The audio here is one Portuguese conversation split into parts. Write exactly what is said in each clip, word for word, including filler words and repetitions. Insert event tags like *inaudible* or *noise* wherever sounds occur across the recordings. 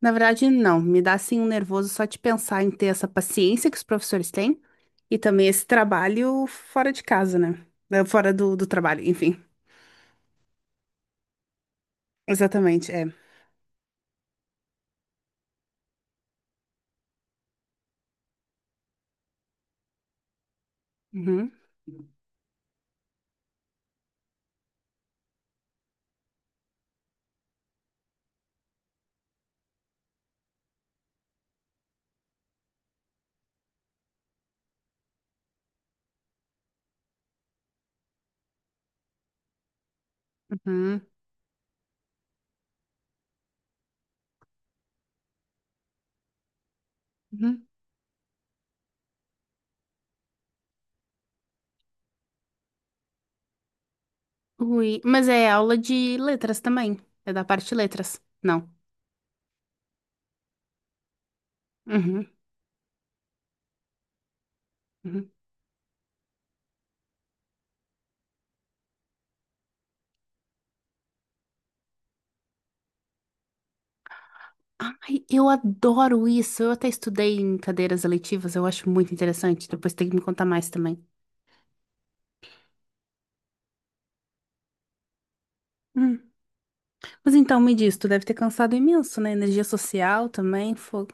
Na verdade, não. Me dá assim um nervoso só de pensar em ter essa paciência que os professores têm e também esse trabalho fora de casa, né? Eh, Fora do, do trabalho, enfim. Exatamente, é. Uhum, uhum, uhum. Ui, mas é aula de letras também. É da parte de letras. Não. Uhum, uhum. Ai, eu adoro isso. Eu até estudei em cadeiras eletivas, eu acho muito interessante. Depois tem que me contar mais também. Hum. Mas então me diz, tu deve ter cansado imenso, né? Energia social também, fogo.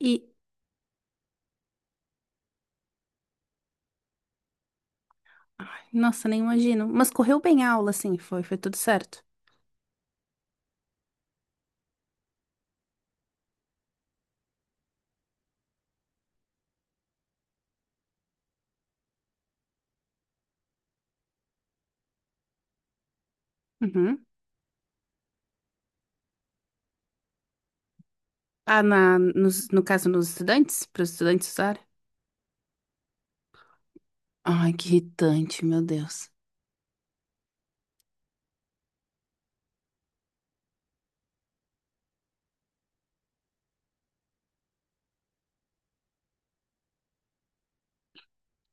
E, ai, nossa, nem imagino. Mas correu bem a aula, sim, foi, foi tudo certo. Uhum. Ah, na, nos, no caso, nos estudantes, para os estudantes usarem? Ai, que irritante, meu Deus.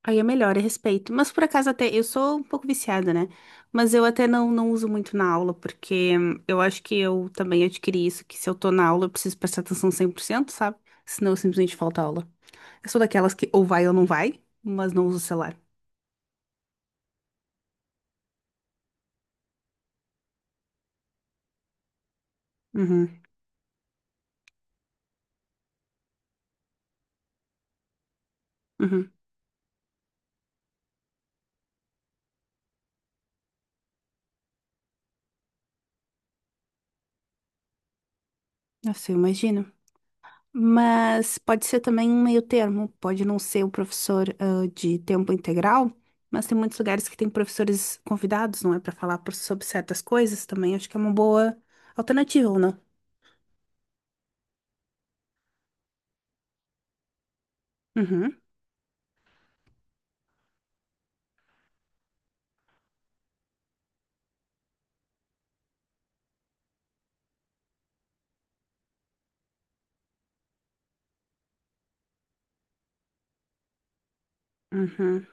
Aí é melhor, é respeito. Mas por acaso até, eu sou um pouco viciada, né? Mas eu até não, não uso muito na aula, porque hum, eu acho que eu também adquiri isso, que se eu tô na aula, eu preciso prestar atenção cem por cento, sabe? Senão eu simplesmente falto aula. Eu sou daquelas que ou vai ou não vai, mas não uso o celular. Uhum, uhum. Nossa, eu imagino. Mas pode ser também um meio termo, pode não ser o professor ah, de tempo integral, mas tem muitos lugares que tem professores convidados, não é? Para falar por- sobre certas coisas também, acho que é uma boa alternativa, ou não? Uhum, uhum.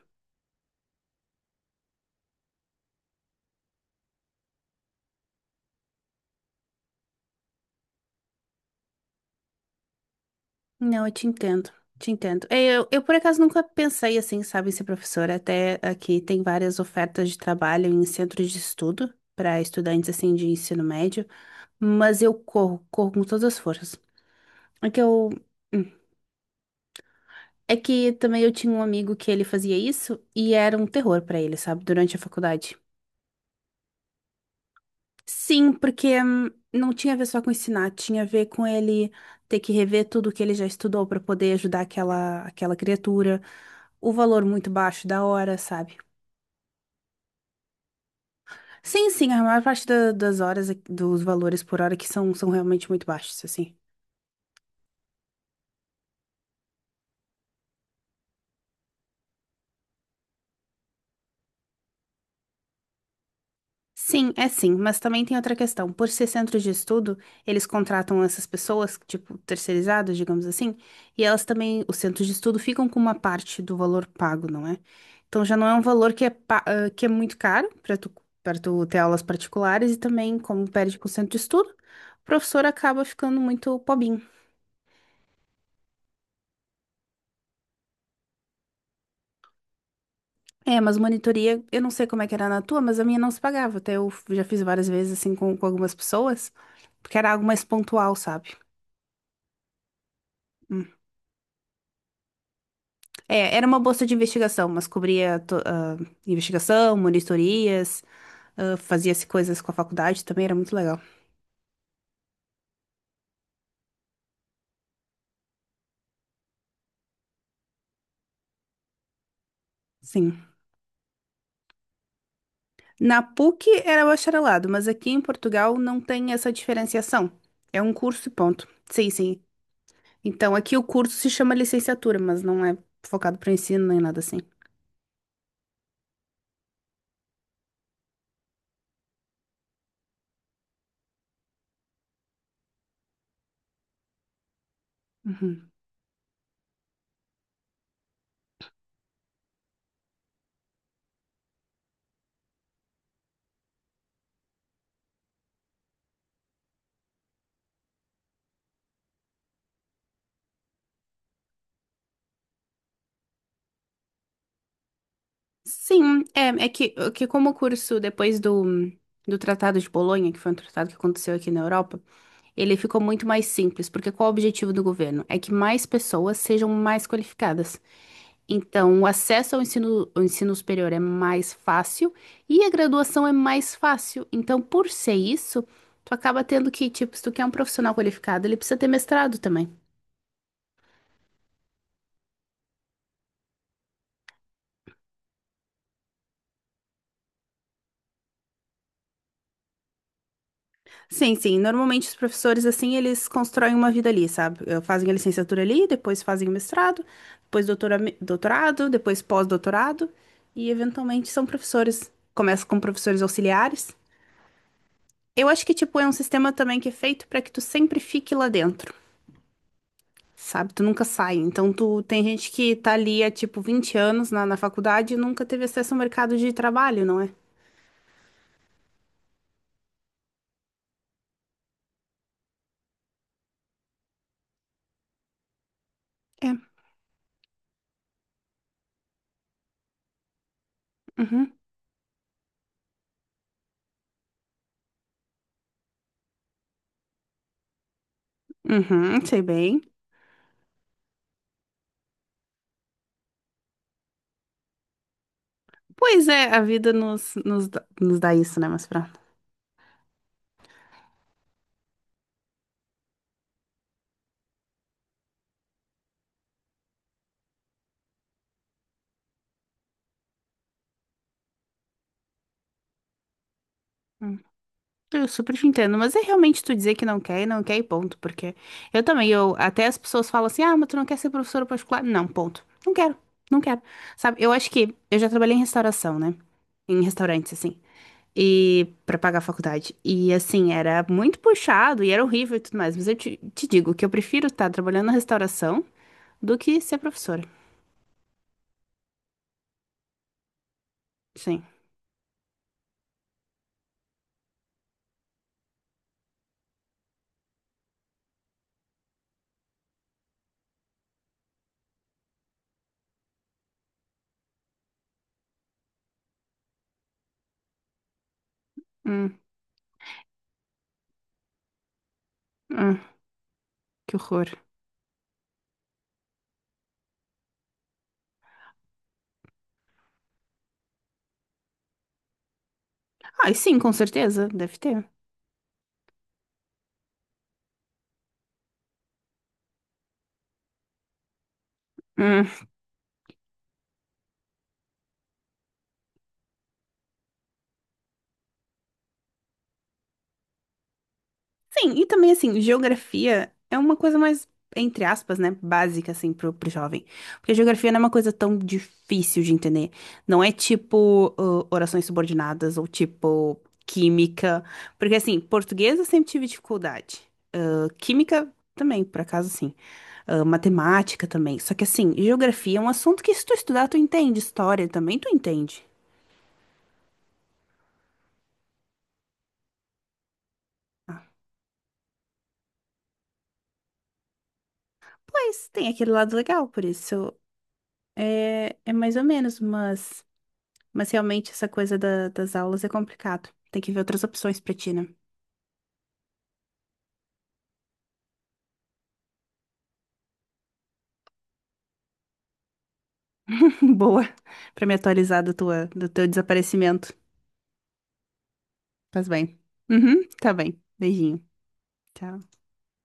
Não, eu te entendo, te entendo. É, Eu, eu por acaso nunca pensei assim, sabe, em ser professora, até aqui tem várias ofertas de trabalho em centros de estudo para estudantes assim de ensino médio, mas eu corro, corro com todas as forças. É que eu. É que também eu tinha um amigo que ele fazia isso e era um terror pra ele, sabe? Durante a faculdade. Sim, porque hum, não tinha a ver só com ensinar, tinha a ver com ele ter que rever tudo que ele já estudou pra poder ajudar aquela, aquela criatura. O valor muito baixo da hora, sabe? Sim, sim, a maior parte da- das horas, dos valores por hora que são, são realmente muito baixos, assim. Sim, é sim, mas também tem outra questão. Por ser centro de estudo, eles contratam essas pessoas, tipo, terceirizadas, digamos assim, e elas também, os centros de estudo ficam com uma parte do valor pago, não é? Então já não é um valor que é, pa- ah, que é muito caro para tu, para tu ter aulas particulares e também, como perde com o centro de estudo, o professor acaba ficando muito pobinho. É, mas monitoria, eu não sei como é que era na tua, mas a minha não se pagava. Até eu já fiz várias vezes, assim, com, com algumas pessoas, porque era algo mais pontual, sabe? É, era uma bolsa de investigação, mas cobria to- ah, investigação, monitorias, ah, fazia-se coisas com a faculdade também, era muito legal. Sim. Na PUC era bacharelado, mas aqui em Portugal não tem essa diferenciação. É um curso e ponto. Sim, sim. Então aqui o curso se chama licenciatura, mas não é focado para ensino nem nada assim. Uhum. Sim, é, é que, é que como o curso depois do, do Tratado de Bolonha, que foi um tratado que aconteceu aqui na Europa, ele ficou muito mais simples, porque qual é o objetivo do governo? É que mais pessoas sejam mais qualificadas. Então, o acesso ao ensino, ao ensino superior é mais fácil e a graduação é mais fácil. Então, por ser isso, tu acaba tendo que, tipo, se tu quer um profissional qualificado, ele precisa ter mestrado também. Sim, sim. Normalmente os professores, assim, eles constroem uma vida ali, sabe? Eh, Fazem a licenciatura ali, depois fazem o mestrado, depois doutora- doutorado, depois pós-doutorado, e eventualmente são professores. Começa com professores auxiliares. Eu acho que, tipo, é um sistema também que é feito para que tu sempre fique lá dentro, sabe? Tu nunca sai. Então, tu tem gente que tá ali há, tipo, vinte anos na, na faculdade e nunca teve acesso ao mercado de trabalho, não é? É. Uhum. Uhum, sei bem. Pois é, a vida nos, nos, dá- nos dá isso, né, mas pra hum, eu super te entendo, mas é realmente tu dizer que não quer e não quer e ponto, porque eu também, eu até as pessoas falam assim, ah, mas tu não quer ser professora particular? Não, ponto. Não quero, não quero. Sabe, eu acho que eu já trabalhei em restauração, né? Em restaurantes, assim, e pra pagar a faculdade. E assim, era muito puxado e era horrível e tudo mais, mas eu te, te digo que eu prefiro estar trabalhando na restauração do que ser professora. Sim. Hum, hum, que horror. Ah, e sim, com certeza, deve ter. Hum. Sim, e também assim, geografia é uma coisa mais, entre aspas, né, básica assim pro, pro jovem. Porque geografia não é uma coisa tão difícil de entender. Não é tipo uh, orações subordinadas ou tipo química. Porque assim, português eu sempre tive dificuldade. Uh, química também, por acaso sim. Uh, matemática também. Só que assim, geografia é um assunto que se tu estudar, tu entende. História também tu entende. Ah, pois tem aquele lado legal, por isso é, é mais ou menos, mas. Mas realmente essa coisa da- das aulas é complicado. Tem que ver outras opções pra ti, né? *laughs* Boa. Pra me atualizar do, tua, do teu desaparecimento. Faz bem. Uhum, tá bem. Beijinho. Tchau.